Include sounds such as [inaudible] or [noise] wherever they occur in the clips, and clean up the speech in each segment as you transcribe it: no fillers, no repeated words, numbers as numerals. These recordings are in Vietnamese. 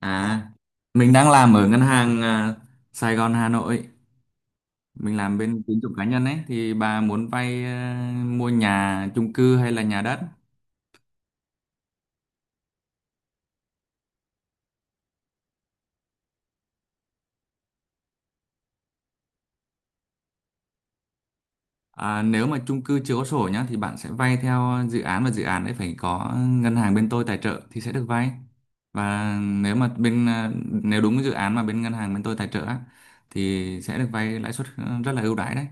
À, mình đang làm ở ngân hàng Sài Gòn Hà Nội. Mình làm bên tín dụng cá nhân ấy thì bà muốn vay, mua nhà, chung cư hay là nhà đất. À, nếu mà chung cư chưa có sổ nhá thì bạn sẽ vay theo dự án, và dự án ấy phải có ngân hàng bên tôi tài trợ thì sẽ được vay. Và nếu mà nếu đúng dự án mà bên ngân hàng bên tôi tài trợ á, thì sẽ được vay lãi suất rất là ưu đãi đấy.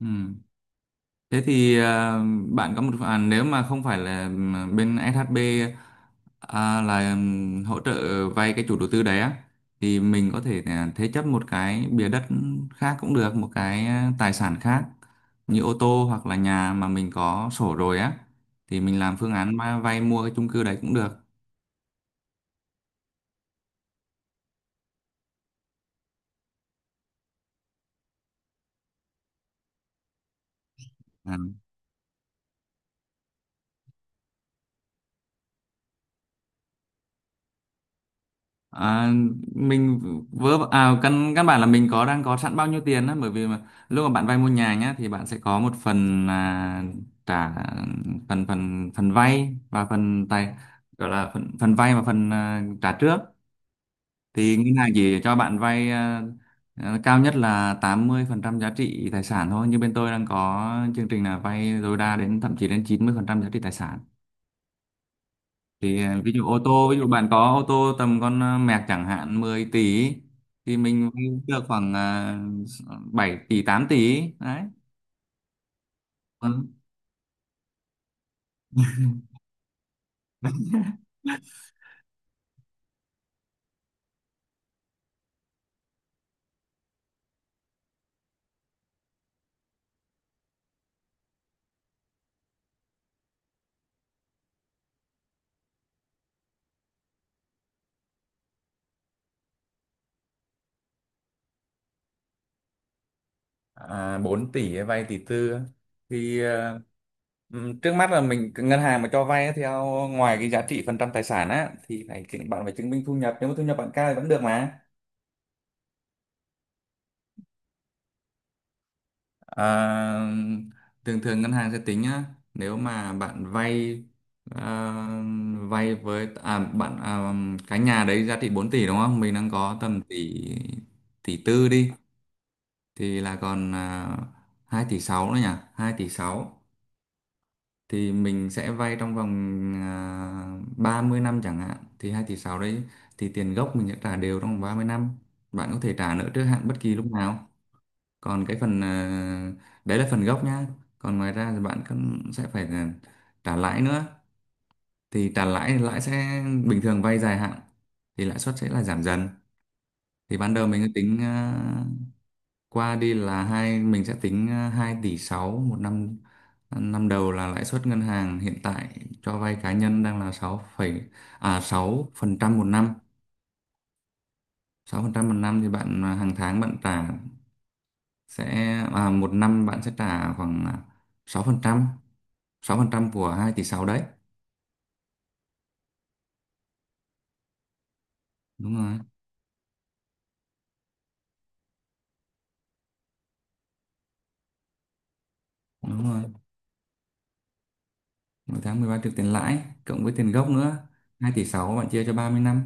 Ừ. Thế thì, bạn có một, nếu mà không phải là bên SHB, là hỗ trợ vay cái chủ đầu tư đấy á, thì mình có thể thế chấp một cái bìa đất khác cũng được, một cái tài sản khác như ô tô hoặc là nhà mà mình có sổ rồi á, thì mình làm phương án vay mua cái chung cư đấy cũng được. À. À, mình căn căn bản là mình có đang có sẵn bao nhiêu tiền đó, bởi vì mà lúc mà bạn vay mua nhà nhá thì bạn sẽ có một phần là trả phần phần phần vay, và phần tài gọi là phần phần vay và phần, trả trước. Thì ngân hàng chỉ cho bạn vay, cao nhất là 80% giá trị tài sản thôi, như bên tôi đang có chương trình là vay tối đa đến, thậm chí đến 90% giá trị tài sản. Thì ví dụ ô tô, ví dụ bạn có ô tô tầm con Merc chẳng hạn 10 tỷ ý, thì mình vay được khoảng 7 tỷ, 8 tỷ ý. Đấy. Ừ. À, 4 tỷ ấy, vay tỷ tư á. Thì trước mắt là mình, ngân hàng mà cho vay á, theo ngoài cái giá trị phần trăm tài sản á thì phải bạn phải chứng minh thu nhập, nếu mà thu nhập bạn cao thì vẫn được mà. À, thường thường ngân hàng sẽ tính á, nếu mà bạn à, vay với, bạn, cái nhà đấy giá trị 4 tỷ đúng không, mình đang có tầm tỷ tỷ tư đi, thì là còn 2 tỷ 6 nữa nhỉ. 2,6 tỷ thì mình sẽ vay trong vòng 30 năm chẳng hạn, thì 2,6 tỷ đấy thì tiền gốc mình sẽ trả đều trong vòng 30 năm. Bạn có thể trả nợ trước hạn bất kỳ lúc nào. Còn cái phần, đấy là phần gốc nhá. Còn ngoài ra thì bạn cũng sẽ phải là trả lãi nữa. Thì trả lãi thì lãi sẽ, bình thường vay dài hạn thì lãi suất sẽ là giảm dần. Thì ban đầu mình cứ tính, à, qua đi là hai mình sẽ tính 2 tỷ 6 một năm. Năm đầu là lãi suất ngân hàng hiện tại cho vay cá nhân đang là 6 phẩy- à 6% một năm. 6% một năm thì bạn, hàng tháng bạn trả sẽ, một năm bạn sẽ trả khoảng 6%, 6% của 2,6 tỷ đấy. Đúng rồi. Đúng rồi. Mỗi tháng 13 triệu tiền lãi, cộng với tiền gốc nữa. 2,6 tỷ bạn chia cho 30 năm.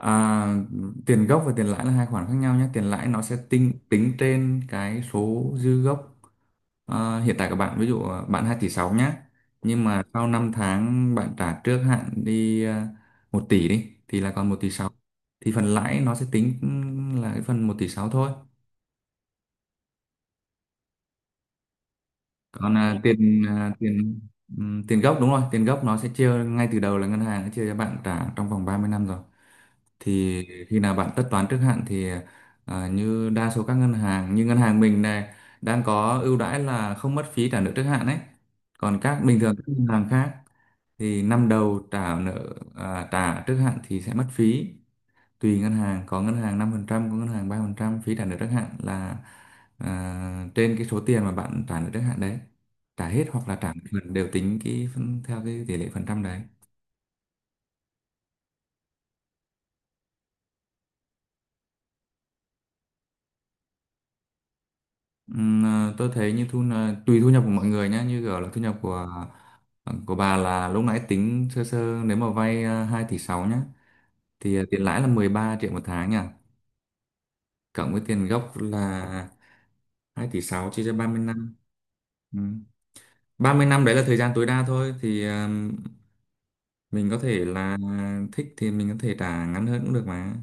À, tiền gốc và tiền lãi là hai khoản khác nhau nhé. Tiền lãi nó sẽ tính tính trên cái số dư gốc. À, hiện tại các bạn ví dụ, bạn 2,6 tỷ nhé. Nhưng mà sau 5 tháng bạn trả trước hạn đi, 1 tỷ đi, thì là còn 1,6 tỷ. Thì phần lãi nó sẽ tính là cái phần 1,6 tỷ thôi. Còn à, tiền tiền gốc, đúng rồi, tiền gốc nó sẽ chia ngay từ đầu, là ngân hàng nó chia cho bạn trả trong vòng 30 năm rồi. Thì khi nào bạn tất toán trước hạn thì, như đa số các ngân hàng, như ngân hàng mình này, đang có ưu đãi là không mất phí trả nợ trước hạn đấy. Còn các, bình thường các ngân hàng khác, thì năm đầu trả trước hạn thì sẽ mất phí. Tùy ngân hàng: có ngân hàng 5%, có ngân hàng 3% phí trả nợ trước hạn, là trên cái số tiền mà bạn trả nợ trước hạn đấy. Trả hết hoặc là trả một phần đều tính theo cái tỷ lệ phần trăm đấy. Tôi thấy, như tùy thu nhập của mọi người nhé, như kiểu là thu nhập của, của bà, là lúc nãy tính sơ sơ nếu mà vay 2 tỷ 6 nhá, thì tiền lãi là 13 triệu một tháng nhỉ, cộng với tiền gốc là 2,6 tỷ chia cho 30 năm. Ừ. 30 năm đấy là thời gian tối đa thôi, thì mình có thể là, thích thì mình có thể trả ngắn hơn cũng được mà,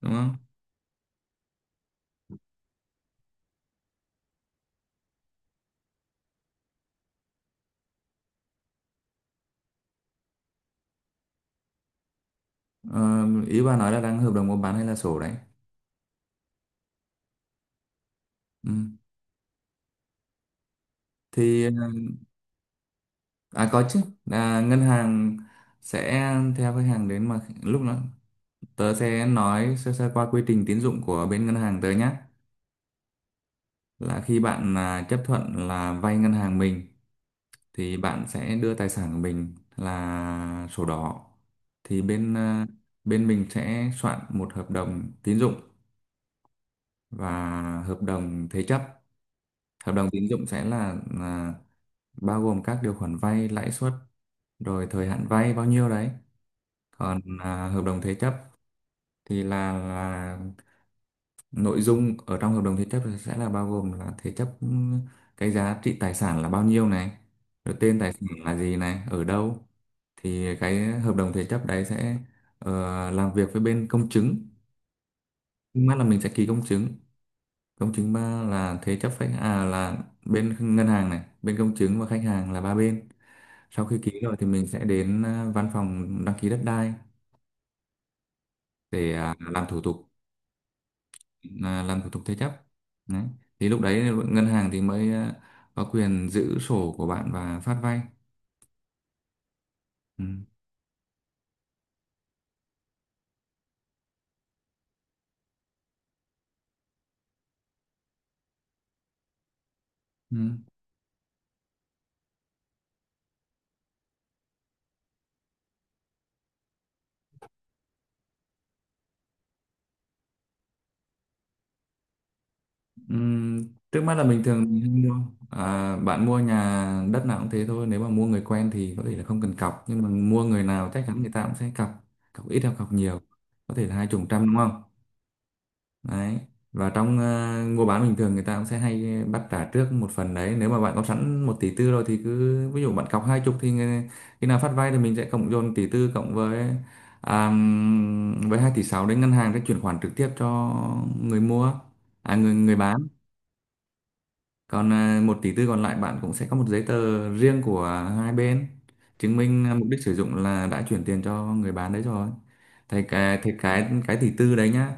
đúng không. Ờ, ý bà nói là đang hợp đồng mua bán hay là sổ đấy. Ừ. Thì có chứ. À, ngân hàng sẽ theo khách hàng đến, mà lúc đó tớ sẽ nói sơ sơ qua quy trình tín dụng của bên ngân hàng tớ nhé: là khi bạn là chấp thuận là vay ngân hàng mình thì bạn sẽ đưa tài sản của mình là sổ đỏ. Thì bên mình sẽ soạn một hợp đồng tín dụng và hợp đồng thế chấp. Hợp đồng tín dụng sẽ là bao gồm các điều khoản vay lãi suất, rồi thời hạn vay bao nhiêu đấy. Còn hợp đồng thế chấp thì là nội dung ở trong hợp đồng thế chấp sẽ là bao gồm là thế chấp, cái giá trị tài sản là bao nhiêu này, rồi tên tài sản là gì này, ở đâu. Thì cái hợp đồng thế chấp đấy sẽ làm việc với bên công chứng. Nhưng là mình sẽ ký công chứng, công chứng ba là thế chấp, khách à là bên ngân hàng này, bên công chứng và khách hàng là ba bên. Sau khi ký rồi thì mình sẽ đến văn phòng đăng ký đất đai, để làm thủ tục thế chấp đấy. Thì lúc đấy ngân hàng thì mới có quyền giữ sổ của bạn và phát vay. Ừ. Ừ. Ừ. Trước mắt là bình thường mình hay mua, bạn mua nhà đất nào cũng thế thôi, nếu mà mua người quen thì có thể là không cần cọc, nhưng mà mua người nào chắc chắn người ta cũng sẽ cọc, cọc ít hoặc cọc nhiều, có thể là hai chục trăm đúng không. Đấy. Và trong mua bán bình thường, người ta cũng sẽ hay bắt trả trước một phần đấy. Nếu mà bạn có sẵn 1,4 tỷ rồi thì cứ ví dụ bạn cọc hai chục thì khi nào phát vay thì mình sẽ cộng dồn tỷ tư cộng với, à, với 2,6 tỷ, đến ngân hàng sẽ chuyển khoản trực tiếp cho người mua người người bán. Còn 1,4 tỷ còn lại, bạn cũng sẽ có một giấy tờ riêng của hai bên chứng minh mục đích sử dụng là đã chuyển tiền cho người bán đấy rồi. Thì cái tỷ tư đấy nhá,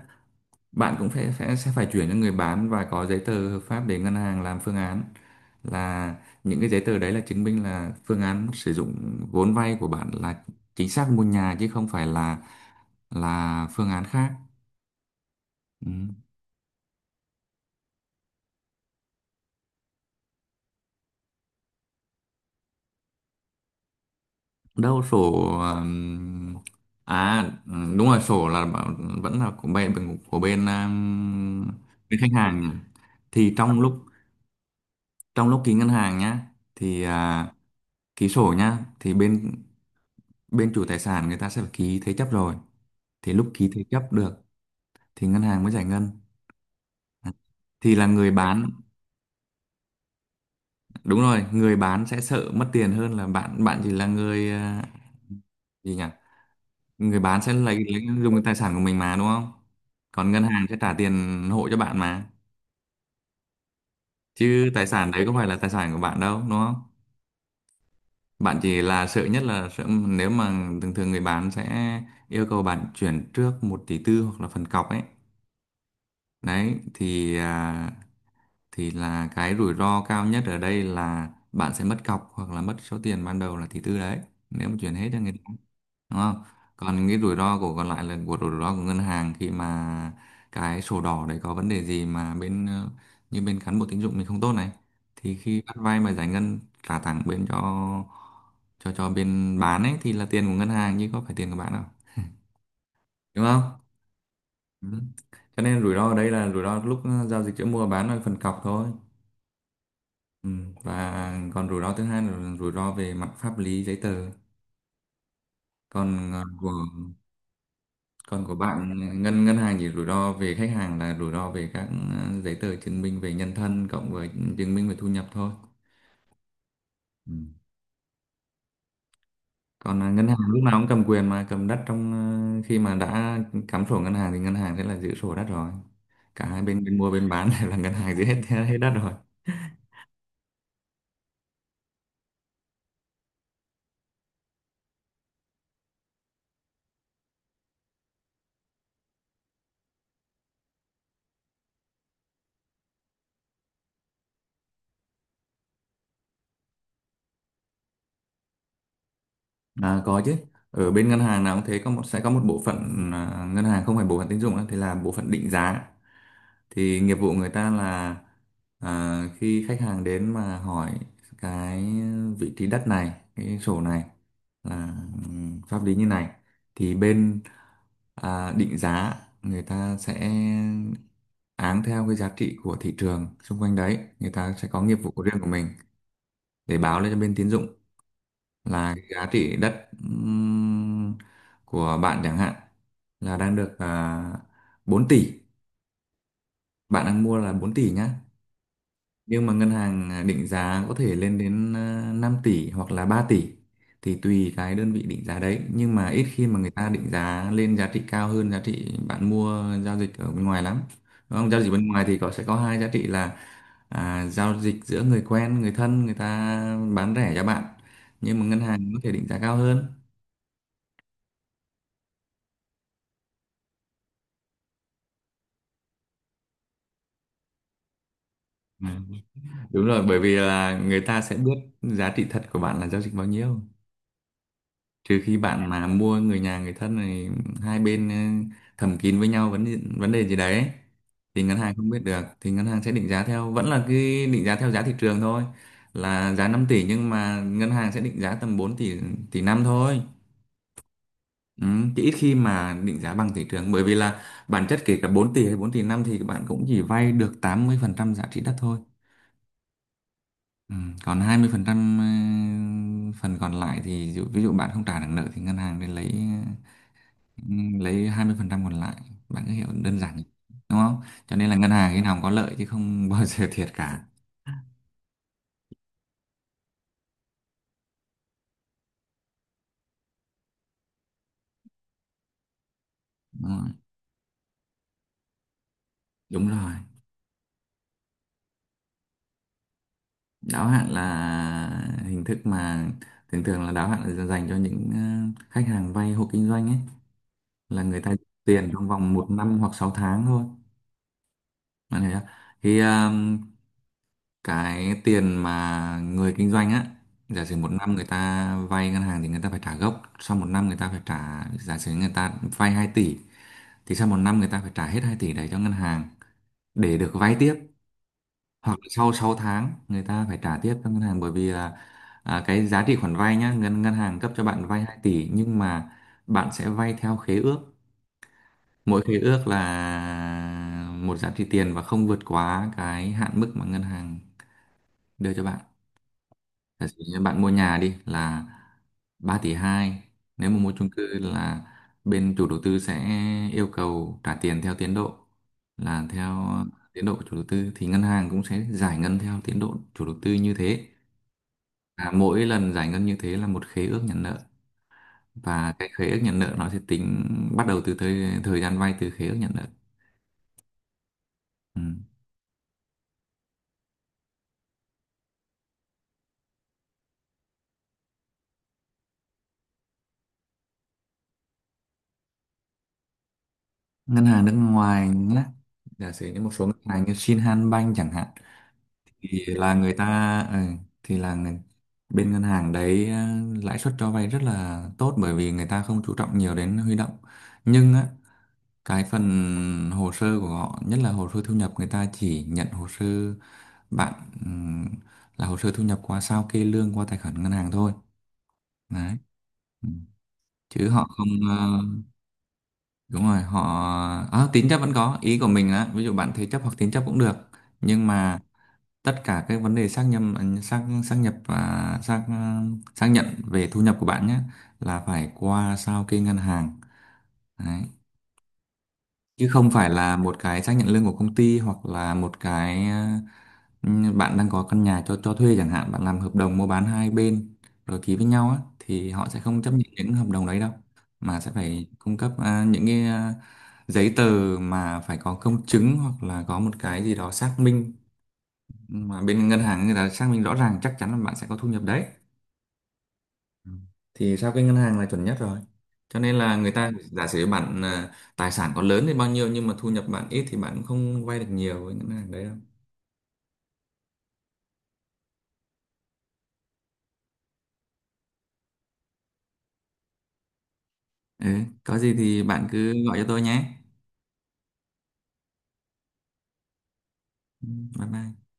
bạn cũng phải sẽ phải chuyển cho người bán và có giấy tờ hợp pháp để ngân hàng làm phương án, là những cái giấy tờ đấy là chứng minh là phương án sử dụng vốn vay của bạn là chính xác mua nhà, chứ không phải là phương án khác. Ừ. Đâu sổ. ừm, ừ, đúng rồi, sổ là vẫn là của bên bên khách hàng nhỉ? Thì trong lúc ký ngân hàng nhá, thì à, ký sổ nhá, thì bên bên chủ tài sản người ta sẽ phải ký thế chấp rồi. Thì lúc ký thế chấp được thì ngân hàng mới giải ngân. À, thì là người bán, đúng rồi, người bán sẽ sợ mất tiền hơn là bạn bạn chỉ là người, à, gì nhỉ người bán sẽ lấy dùng cái tài sản của mình mà, đúng không? Còn ngân hàng sẽ trả tiền hộ cho bạn mà, chứ tài sản đấy có phải là tài sản của bạn đâu, đúng không? Bạn chỉ là sợ nhất là sợ nếu mà thường thường người bán sẽ yêu cầu bạn chuyển trước 1,4 tỷ hoặc là phần cọc ấy. Đấy, thì là cái rủi ro cao nhất ở đây là bạn sẽ mất cọc hoặc là mất số tiền ban đầu là 1,4 tỷ đấy, nếu mà chuyển hết cho người ta, đúng không? Còn cái rủi ro của còn lại là của rủi ro của ngân hàng khi mà cái sổ đỏ đấy có vấn đề gì, mà bên như bên cán bộ tín dụng mình không tốt này, thì khi bắt vay mà giải ngân trả thẳng bên cho bên bán ấy thì là tiền của ngân hàng chứ có phải tiền của bạn đâu, đúng không? Ừ. Cho nên rủi ro ở đây là rủi ro lúc giao dịch giữa mua và bán là phần cọc thôi. Ừ. Và còn rủi ro thứ hai là rủi ro về mặt pháp lý giấy tờ. Còn ờ, của còn của bạn, ngân ngân hàng chỉ rủi ro về khách hàng là rủi ro về các giấy tờ chứng minh về nhân thân cộng với chứng minh về thu nhập thôi. Ừ. Ngân hàng lúc nào cũng cầm quyền mà cầm đất, khi mà đã cắm sổ ngân hàng thì ngân hàng sẽ là giữ sổ đất rồi. Cả hai bên, bên mua bên bán [laughs] đều là ngân hàng giữ hết hết đất rồi. À, có chứ. Ở bên ngân hàng nào cũng thế, sẽ có một bộ phận, ngân hàng không phải bộ phận tín dụng đó, thì là bộ phận định giá. Thì nghiệp vụ người ta là, khi khách hàng đến mà hỏi cái vị trí đất này, cái sổ này là, pháp lý như này, thì bên định giá người ta sẽ áng theo cái giá trị của thị trường xung quanh đấy, người ta sẽ có nghiệp vụ riêng của mình để báo lên cho bên tín dụng là cái giá trị đất, của bạn chẳng hạn là đang được 4 tỷ, bạn đang mua là 4 tỷ nhá, nhưng mà ngân hàng định giá có thể lên đến 5 tỷ hoặc là 3 tỷ, thì tùy cái đơn vị định giá đấy, nhưng mà ít khi mà người ta định giá lên giá trị cao hơn giá trị bạn mua giao dịch ở bên ngoài lắm, đúng không? Giao dịch bên ngoài thì có sẽ có hai giá trị là, giao dịch giữa người quen người thân, người ta bán rẻ cho bạn, nhưng mà ngân hàng có thể định giá cao hơn. Ừ. Đúng rồi, bởi vì là người ta sẽ biết giá trị thật của bạn là giao dịch bao nhiêu. Trừ khi bạn mà mua người nhà người thân này, hai bên thầm kín với nhau vấn vấn đề gì đấy, thì ngân hàng không biết được thì ngân hàng sẽ định giá theo vẫn là cái định giá theo giá thị trường thôi, là giá 5 tỷ nhưng mà ngân hàng sẽ định giá tầm 4 tỷ tỷ năm thôi. Ừ, chứ ít khi mà định giá bằng thị trường, bởi vì là bản chất kể cả 4 tỷ hay 4,5 tỷ thì bạn cũng chỉ vay được 80% giá trị đất thôi. Ừ, còn 20% phần còn lại thì, ví dụ bạn không trả được nợ thì ngân hàng nên lấy, ờ, lấy 20% còn lại, bạn cứ hiểu đơn giản như, đúng không? Cho nên là ngân hàng khi nào cũng có lợi chứ không [laughs] bao giờ thiệt cả. Đúng rồi, đúng rồi. Đáo hạn là hình thức mà thường thường là đáo hạn là dành cho những, khách hàng vay hộ kinh doanh ấy, là người ta tiền trong vòng 1 năm hoặc 6 tháng thôi, bạn hiểu chưa? thì ờ, cái tiền mà người kinh doanh á, giả sử 1 năm người ta vay ngân hàng thì người ta phải trả gốc, sau 1 năm người ta phải trả, giả sử người ta vay 2 tỷ thì sau 1 năm người ta phải trả hết 2 tỷ đấy cho ngân hàng để được vay tiếp, hoặc là sau 6 tháng người ta phải trả tiếp cho ngân hàng, bởi vì là, cái giá trị khoản vay nhá, ngân ngân hàng cấp cho bạn vay 2 tỷ nhưng mà bạn sẽ vay theo khế ước, mỗi khế ước là một giá trị tiền và không vượt quá cái hạn mức mà ngân hàng đưa cho bạn. Giả sử như bạn mua nhà đi là 3,2 tỷ, nếu mà mua chung cư là bên chủ đầu tư sẽ yêu cầu trả tiền theo tiến độ, là theo tiến độ của chủ đầu tư, thì ngân hàng cũng sẽ giải ngân theo tiến độ chủ đầu tư như thế, mỗi lần giải ngân như thế là một khế ước nhận nợ, và cái khế ước nhận nợ nó sẽ tính bắt đầu từ thời gian vay từ khế ước nhận nợ. Ừ. Ngân hàng nước ngoài nhé, giả sử như một số ngân hàng như Shinhan Bank chẳng hạn, thì là người ta, thì là người, bên ngân hàng đấy, lãi suất cho vay rất là tốt bởi vì người ta không chú trọng nhiều đến huy động. Nhưng á, cái phần hồ sơ của họ nhất là hồ sơ thu nhập, người ta chỉ nhận hồ sơ bạn, ừm, là hồ sơ thu nhập qua sao kê lương qua tài khoản ngân hàng thôi, đấy. Ừ. Chứ họ không, đúng rồi, họ, tín chấp vẫn có, ý của mình là ví dụ bạn thế chấp hoặc tín chấp cũng được. Nhưng mà tất cả cái vấn đề xác nhận, xác xác nhập và xác xác nhận về thu nhập của bạn nhé, là phải qua sao kê ngân hàng. Đấy, chứ không phải là một cái xác nhận lương của công ty hoặc là một cái, bạn đang có căn nhà cho thuê chẳng hạn, bạn làm hợp đồng mua bán hai bên rồi ký với nhau á thì họ sẽ không chấp nhận những hợp đồng đấy đâu, mà sẽ phải cung cấp, những cái, giấy tờ mà phải có công chứng hoặc là có một cái gì đó xác minh, mà bên ngân hàng người ta xác minh rõ ràng chắc chắn là bạn sẽ có thu nhập đấy. Ừ. Thì sao cái ngân hàng là chuẩn nhất rồi, cho nên là người ta giả sử bạn, tài sản có lớn thì bao nhiêu nhưng mà thu nhập bạn ít thì bạn cũng không vay được nhiều với ngân hàng đấy đâu. Ừ, có gì thì bạn cứ gọi cho tôi nhé. Ừ, bye bye.